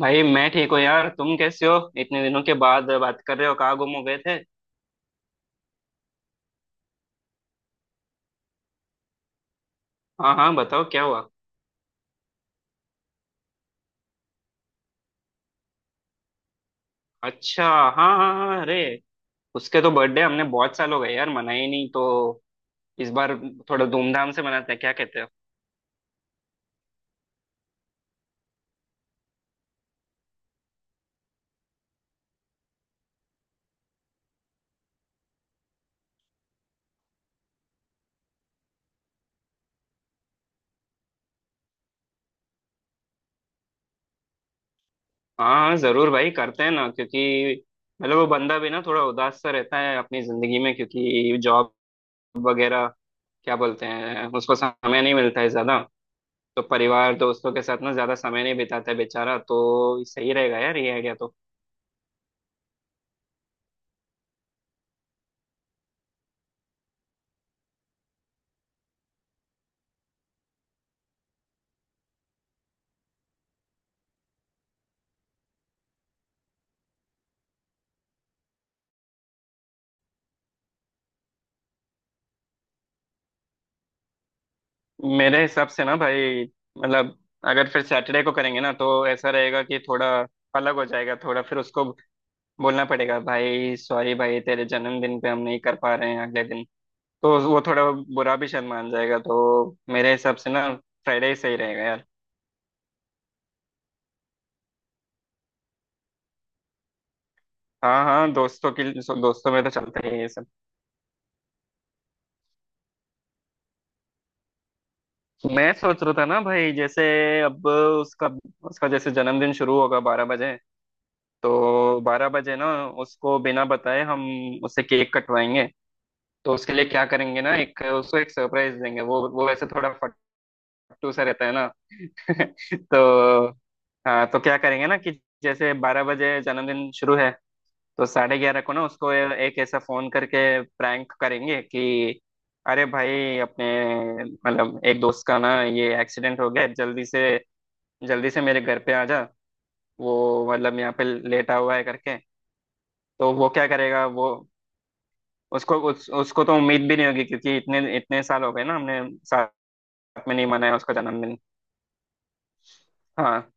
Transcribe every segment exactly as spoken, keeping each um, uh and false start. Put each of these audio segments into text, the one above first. भाई मैं ठीक हूँ यार। तुम कैसे हो? इतने दिनों के बाद बात कर रहे हो, कहाँ गुम हो गए थे? हाँ हाँ, बताओ क्या हुआ। अच्छा, हाँ हाँ हाँ हाँ, अरे उसके तो बर्थडे हमने बहुत साल हो गए यार मनाए ही नहीं, तो इस बार थोड़ा धूमधाम से मनाते हैं, क्या कहते हो? हाँ हाँ जरूर भाई, करते हैं ना। क्योंकि मतलब वो बंदा भी ना थोड़ा उदास सा रहता है अपनी जिंदगी में, क्योंकि जॉब वगैरह क्या बोलते हैं, उसको समय नहीं मिलता है ज्यादा। तो परिवार दोस्तों के साथ ना ज्यादा समय नहीं बिताता है बेचारा, तो सही रहेगा यार ये आइडिया तो। मेरे हिसाब से ना भाई, मतलब अगर फिर सैटरडे को करेंगे ना तो ऐसा रहेगा कि थोड़ा अलग हो जाएगा, थोड़ा फिर उसको बोलना पड़ेगा भाई सॉरी भाई तेरे जन्मदिन पे हम नहीं कर पा रहे हैं, अगले दिन। तो वो थोड़ा बुरा भी शर्मान जाएगा, तो मेरे हिसाब से ना फ्राइडे ही सही रहेगा यार। हाँ हाँ, दोस्तों की दोस्तों में तो चलता ही है ये सब। मैं सोच रहा था ना भाई जैसे अब उसका उसका जैसे जन्मदिन शुरू होगा बारह बजे, तो बारह बजे ना उसको बिना बताए हम उसे केक कटवाएंगे। तो उसके लिए क्या करेंगे ना, एक उसको एक सरप्राइज देंगे। वो वो वैसे थोड़ा फट्टू सा रहता है ना। तो हाँ, तो क्या करेंगे ना कि जैसे बारह बजे जन्मदिन शुरू है, तो साढ़े ग्यारह को ना उसको ए- एक ऐसा फोन करके प्रैंक करेंगे कि अरे भाई अपने मतलब एक दोस्त का ना ये एक्सीडेंट हो गया है, जल्दी से जल्दी से मेरे घर पे आ जा, वो मतलब यहाँ पे लेटा हुआ है करके। तो वो क्या करेगा, वो उसको उस, उसको तो उम्मीद भी नहीं होगी, क्योंकि इतने इतने साल हो गए ना हमने में नहीं मनाया उसका जन्मदिन। हाँ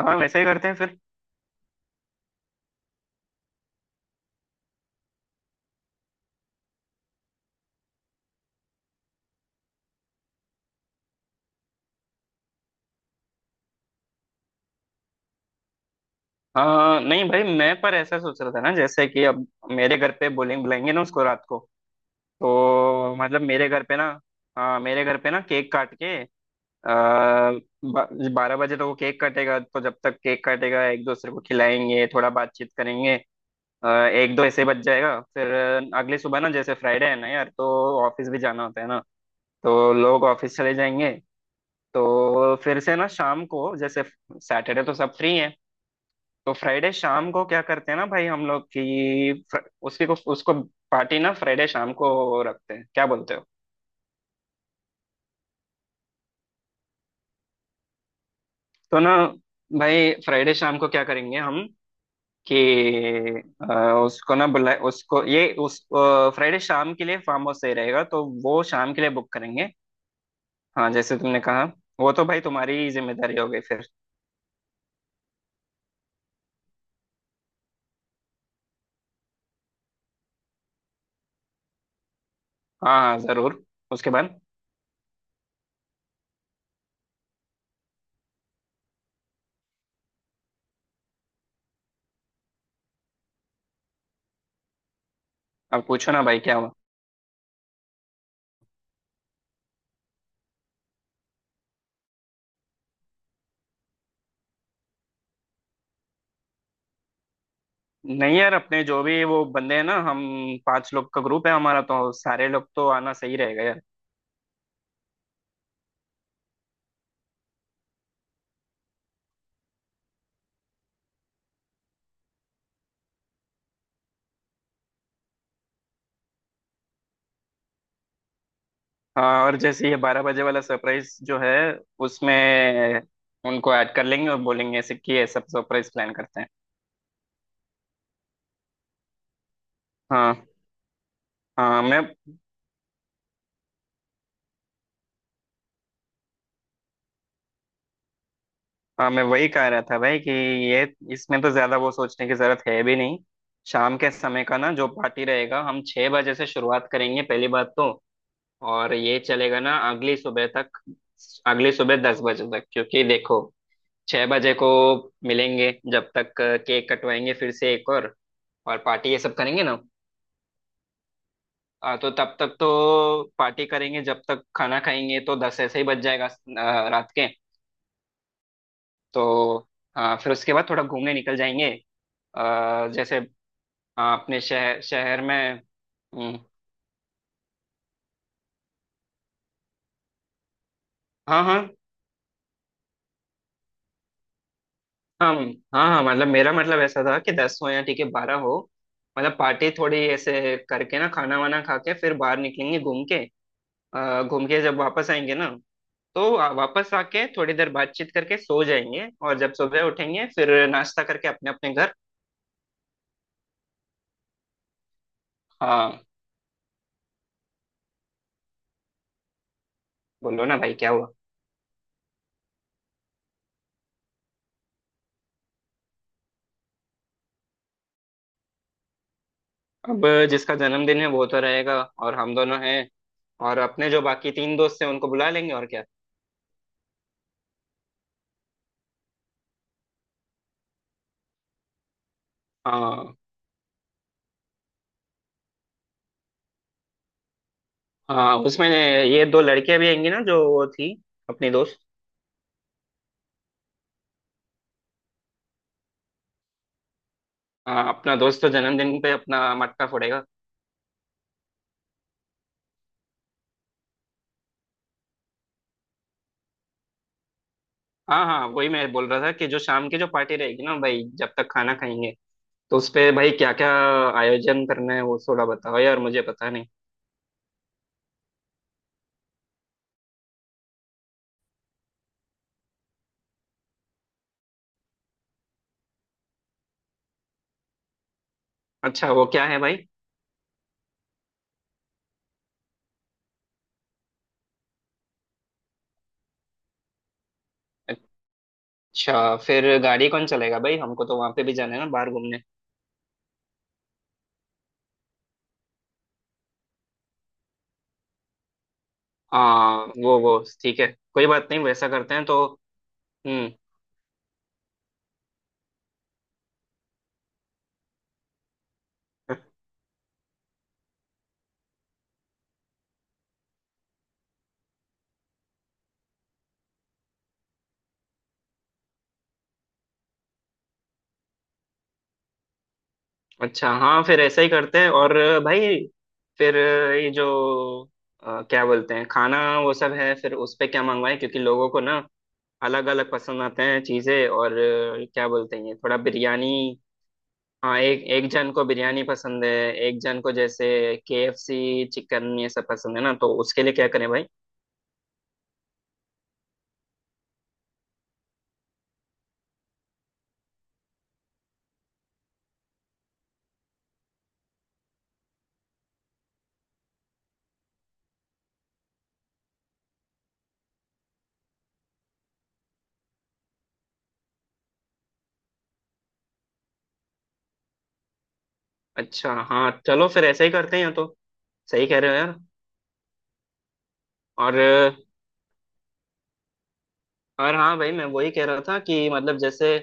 हाँ, वैसे ही करते हैं फिर। हाँ नहीं भाई, मैं पर ऐसा सोच रहा था ना जैसे कि अब मेरे घर पे बोलेंगे बुलाएंगे ना उसको रात को। तो मतलब मेरे घर पे ना, हाँ मेरे घर पे ना केक काट के, आ, बारह बजे तो वो केक काटेगा, तो जब तक केक काटेगा एक दूसरे को खिलाएंगे, थोड़ा बातचीत करेंगे। अ, एक दो ऐसे बच जाएगा, फिर अगली सुबह ना जैसे फ्राइडे है ना यार, तो ऑफिस भी जाना होता है ना। तो लोग ऑफिस चले जाएंगे। तो फिर से ना शाम को जैसे, सैटरडे तो सब फ्री हैं, तो फ्राइडे शाम को क्या करते हैं ना भाई, हम लोग की फ्र- उसकी को उसको पार्टी ना फ्राइडे शाम को रखते हैं, क्या बोलते हो? तो ना भाई फ्राइडे शाम को क्या करेंगे हम कि अ, उसको ना बुला उसको ये उस फ्राइडे शाम के लिए फार्म हाउस सही रहेगा, तो वो शाम के लिए बुक करेंगे। हाँ जैसे तुमने कहा, वो तो भाई तुम्हारी जिम्मेदारी हो गई फिर। हाँ हाँ जरूर। उसके बाद अब पूछो ना भाई क्या हुआ। नहीं यार, अपने जो भी वो बंदे हैं ना, हम पांच लोग का ग्रुप है हमारा, तो सारे लोग तो आना सही रहेगा यार। हाँ, और जैसे ये बारह बजे वाला सरप्राइज जो है उसमें उनको ऐड कर लेंगे और बोलेंगे ऐसे कि ये सब सरप्राइज प्लान करते हैं। हाँ हाँ मैं हाँ, मैं वही कह रहा था भाई कि ये इसमें तो ज्यादा वो सोचने की जरूरत है भी नहीं। शाम के समय का ना जो पार्टी रहेगा, हम छह बजे से शुरुआत करेंगे पहली बात तो। और ये चलेगा ना अगली सुबह तक, अगली सुबह दस बजे तक। क्योंकि देखो, छह बजे को मिलेंगे, जब तक केक कटवाएंगे फिर से एक और और पार्टी ये सब करेंगे ना, आ, तो तब तक तो पार्टी करेंगे। जब तक खाना खाएंगे तो दस ऐसे ही बज जाएगा, आ, रात के। तो हाँ, फिर उसके बाद थोड़ा घूमने निकल जाएंगे, आ, जैसे आ, अपने शहर शहर में। हम्म, हाँ हाँ हाँ हाँ। हाँ मतलब मेरा मतलब ऐसा था कि दस हो या ठीक है बारह हो, मतलब पार्टी थोड़ी ऐसे करके ना खाना वाना खा के फिर बाहर निकलेंगे घूम के। आ, घूम के जब वापस आएंगे ना, तो आ- वापस आके थोड़ी देर बातचीत करके सो जाएंगे, और जब सुबह उठेंगे फिर नाश्ता करके अपने अपने घर। हाँ, बोलो ना भाई क्या हुआ। अब जिसका जन्मदिन है वो तो रहेगा, और हम दोनों हैं, और अपने जो बाकी तीन दोस्त हैं उनको बुला लेंगे, और क्या। हाँ हाँ, उसमें ये दो लड़कियां भी आएंगी ना जो वो थी अपनी दोस्त। हाँ, अपना दोस्त तो जन्मदिन पे अपना मटका फोड़ेगा। हाँ हाँ, वही मैं बोल रहा था कि जो शाम की जो पार्टी रहेगी ना भाई, जब तक खाना खाएंगे तो उसपे भाई क्या क्या आयोजन करना है वो थोड़ा बताओ यार, मुझे पता नहीं। अच्छा, वो क्या है भाई? अच्छा फिर गाड़ी कौन चलेगा भाई, हमको तो वहां पे भी जाना है ना बाहर घूमने। हाँ, वो वो ठीक है, कोई बात नहीं, वैसा करते हैं तो। हम्म। अच्छा हाँ, फिर ऐसा ही करते हैं। और भाई फिर ये जो अ, क्या बोलते हैं खाना वो सब है, फिर उस पे क्या मंगवाएं? क्योंकि लोगों को ना अलग अलग पसंद आते हैं चीजें, और अ, क्या बोलते हैं, ये थोड़ा बिरयानी। हाँ एक एक जन को बिरयानी पसंद है, एक जन को जैसे केएफसी चिकन ये सब पसंद है ना, तो उसके लिए क्या करें भाई? अच्छा हाँ, चलो फिर ऐसा ही करते हैं या तो। सही कह रहे हो यार। और और हाँ भाई, मैं वही कह रहा था कि मतलब जैसे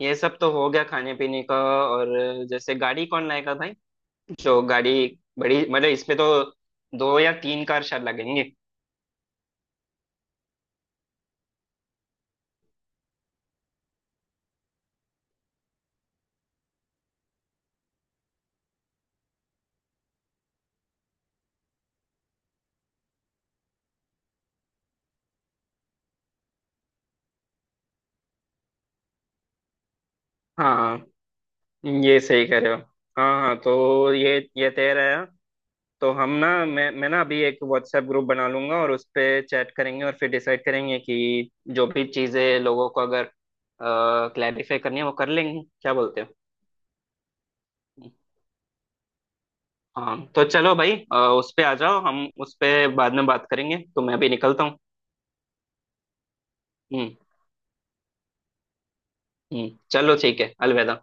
ये सब तो हो गया खाने पीने का, और जैसे गाड़ी कौन लाएगा भाई? जो गाड़ी बड़ी, मतलब इसमें तो दो या तीन कार शायद लगेंगे। हाँ ये सही कह रहे हो। हाँ हाँ, तो ये ये तय रहा। तो हम ना मैं मैं ना अभी एक व्हाट्सएप ग्रुप बना लूंगा, और उस पे चैट करेंगे और फिर डिसाइड करेंगे कि जो भी चीजें लोगों को अगर क्लैरिफाई करनी है वो कर लेंगे, क्या बोलते हो? हाँ तो चलो भाई, अ, उस पे आ जाओ, हम उस पे बाद में बात करेंगे, तो मैं अभी निकलता हूँ। हम्म। हम्म, चलो ठीक है, अलविदा।